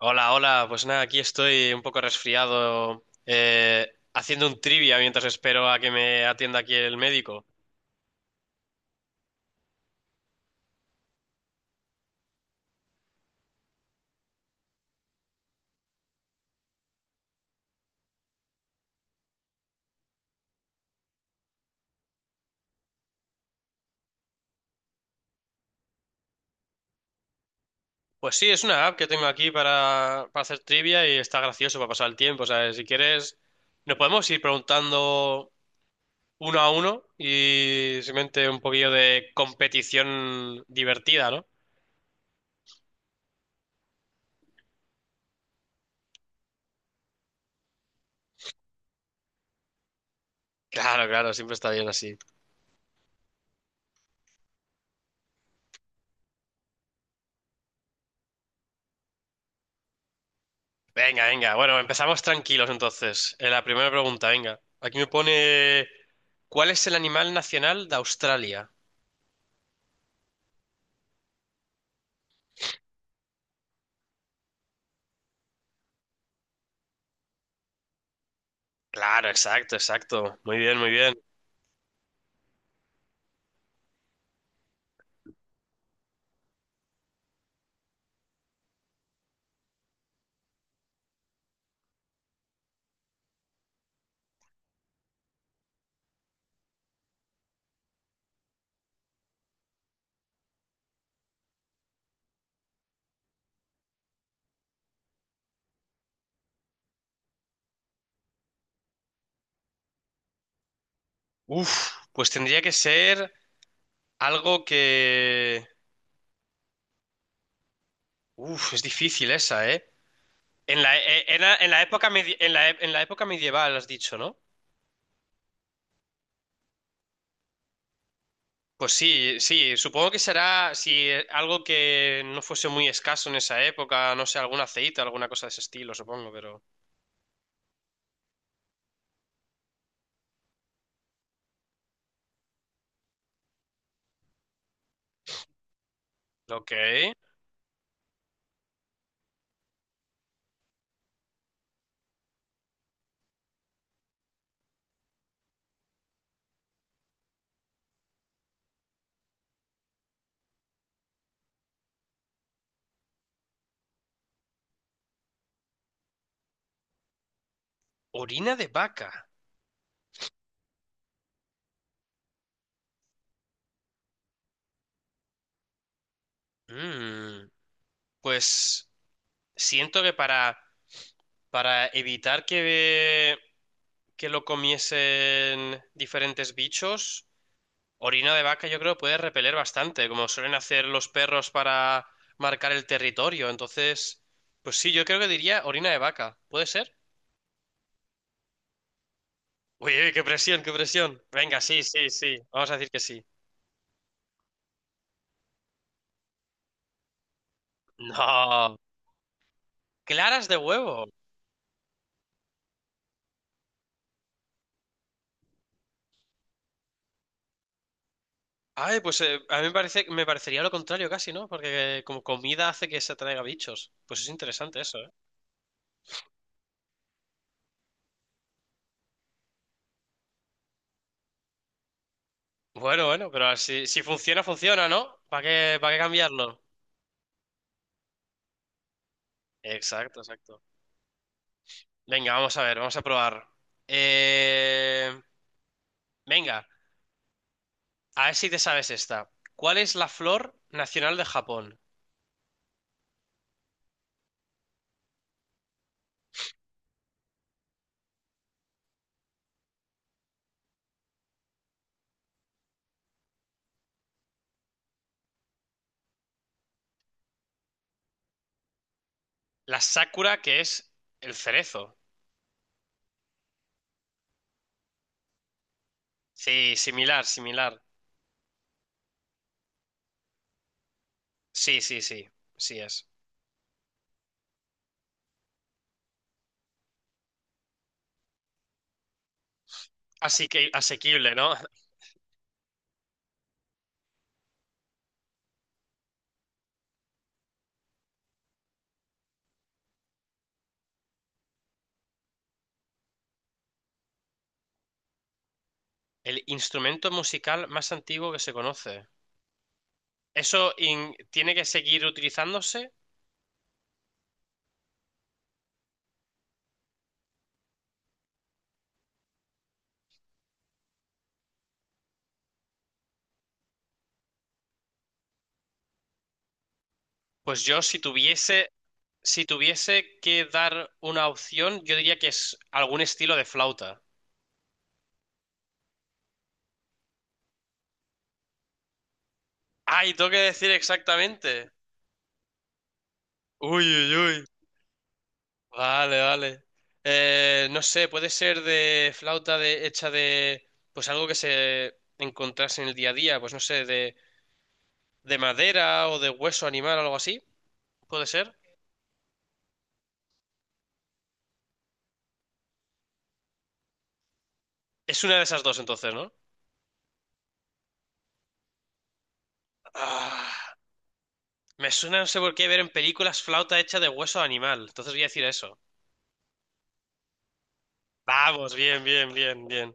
Hola, hola. Pues nada, aquí estoy un poco resfriado, haciendo un trivia mientras espero a que me atienda aquí el médico. Pues sí, es una app que tengo aquí para hacer trivia y está gracioso para pasar el tiempo, ¿sabes? Si quieres, nos podemos ir preguntando uno a uno y simplemente un poquillo de competición divertida, ¿no? Claro, claro, siempre está bien así. Venga, venga. Bueno, empezamos tranquilos entonces. La primera pregunta, venga. Aquí me pone, ¿cuál es el animal nacional de Australia? Claro, exacto, exacto. Muy bien, muy bien. Uf, pues tendría que ser algo que... Uf, es difícil esa, ¿eh? En la, era- en la época medi- en la, e- en la época medieval, has dicho, ¿no? Pues sí, sí, supongo que será algo que no fuese muy escaso en esa época, no sé, algún aceite, alguna cosa de ese estilo, supongo, pero... Ok. Orina de vaca. Mm, pues siento que para evitar que lo comiesen diferentes bichos, orina de vaca yo creo puede repeler bastante, como suelen hacer los perros para marcar el territorio. Entonces, pues sí, yo creo que diría orina de vaca. ¿Puede ser? Uy, uy, qué presión, qué presión. Venga, sí, sí, sí. Vamos a decir que sí. No. Claras de huevo. Ay, pues a mí me parece, me parecería lo contrario casi, ¿no? Porque como comida hace que se atraiga bichos. Pues es interesante eso, ¿eh? Bueno, bueno, pero si, si funciona, funciona, ¿no? ¿ para qué cambiarlo? Exacto, exacto. Venga, vamos a ver, vamos a probar. Eh, Venga, a ver si te sabes esta. ¿Cuál es la flor nacional de Japón? La sakura, que es el cerezo. Sí, similar, similar. Sí, sí, sí, sí es. Así que asequible, ¿no? El instrumento musical más antiguo que se conoce. ¿ tiene que seguir utilizándose? Pues yo, si tuviese que dar una opción, yo diría que es algún estilo de flauta. ¡Ay, tengo que decir exactamente! Uy, uy, uy. Vale, vale. No sé, puede ser de flauta de, hecha de, pues algo que se encontrase en el día a día, pues no sé, de madera o de hueso animal o algo así. ¿Puede ser? Es una de esas dos entonces, ¿no? Ah. Me suena, no sé por qué, ver en películas flauta hecha de hueso de animal. Entonces voy a decir eso. Vamos, bien, bien, bien, bien.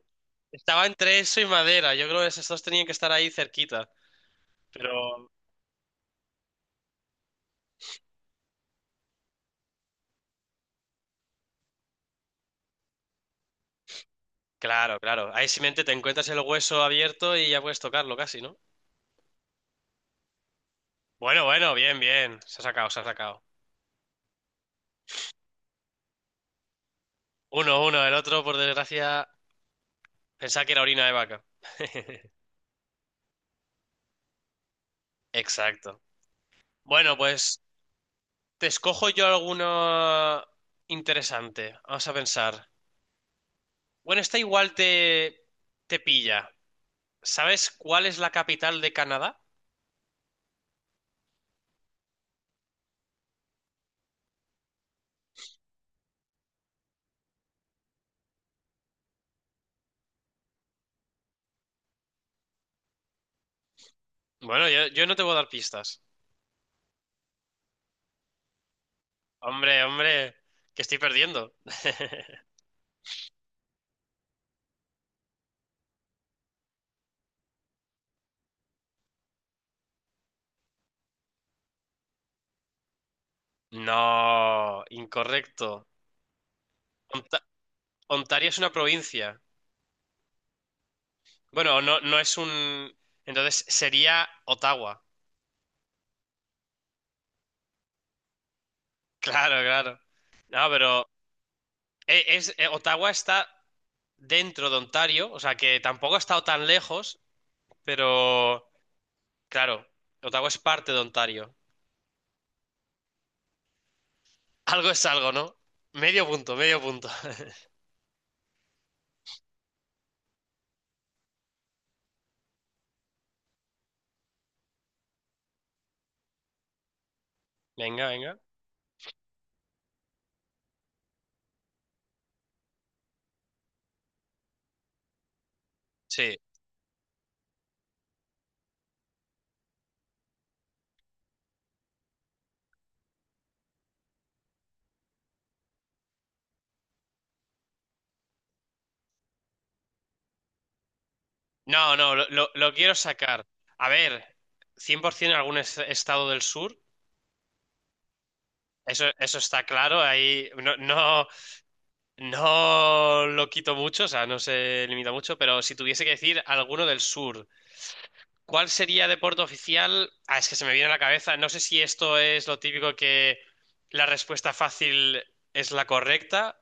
Estaba entre eso y madera. Yo creo que esos dos tenían que estar ahí cerquita. Pero, claro, claro. Ahí simplemente te encuentras el hueso abierto y ya puedes tocarlo casi, ¿no? Bueno, bueno, bien, bien. Se ha sacado, se ha sacado. Uno, uno. El otro, por desgracia, pensaba que era orina de vaca. Exacto. Bueno, pues te escojo yo alguno interesante. Vamos a pensar. Bueno, esta igual te pilla. ¿Sabes cuál es la capital de Canadá? Bueno, yo no te voy a dar pistas. Hombre, hombre, que estoy perdiendo. No, incorrecto. Onta- Ontario es una provincia. Bueno, no, no es un... Entonces sería Ottawa. Claro, claro. No, pero es, Ottawa está dentro de Ontario, o sea que tampoco ha estado tan lejos, pero claro, Ottawa es parte de Ontario. Algo es algo, ¿no? Medio punto, medio punto. Venga, venga. Sí. No, no, lo quiero sacar. A ver, 100% en algún estado del sur. Eso está claro. Ahí no, no, no lo quito mucho, o sea, no se limita mucho. Pero si tuviese que decir alguno del sur, ¿cuál sería deporte oficial? Ah, es que se me viene a la cabeza. No sé si esto es lo típico que la respuesta fácil es la correcta.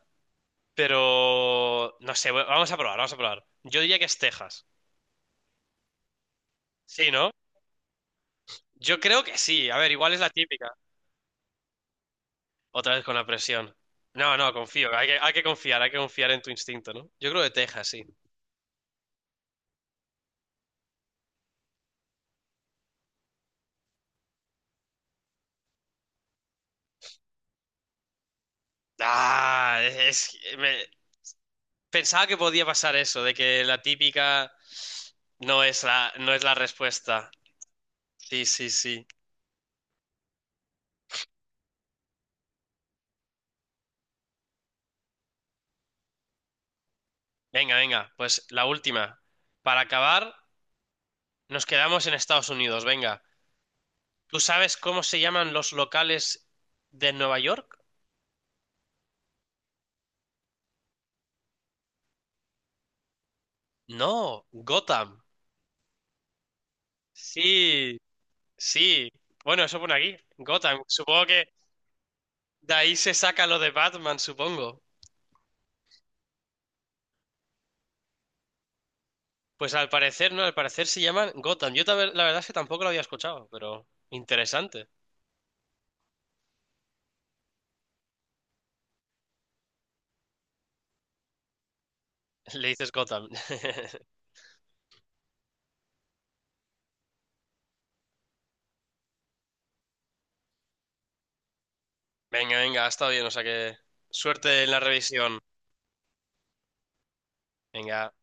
Pero no sé, bueno, vamos a probar, vamos a probar. Yo diría que es Texas. Sí, ¿no? Yo creo que sí. A ver, igual es la típica. Otra vez con la presión. No, no, confío. Hay que confiar en tu instinto, ¿no? Yo creo que Texas, sí. Ah, me- pensaba que podía pasar eso, de que la típica no es la, no es la respuesta. Sí, sí, sí. Venga, venga, pues la última. Para acabar, nos quedamos en Estados Unidos, venga. ¿Tú sabes cómo se llaman los locales de Nueva York? No, Gotham. Sí, sí. Bueno, eso pone aquí, Gotham. Supongo que de ahí se saca lo de Batman, supongo. Pues al parecer, no, al parecer se llaman Gotham. Yo también, la verdad es que tampoco lo había escuchado, pero interesante. Le dices Gotham. Venga, venga, ha estado bien, o sea que suerte en la revisión. Venga.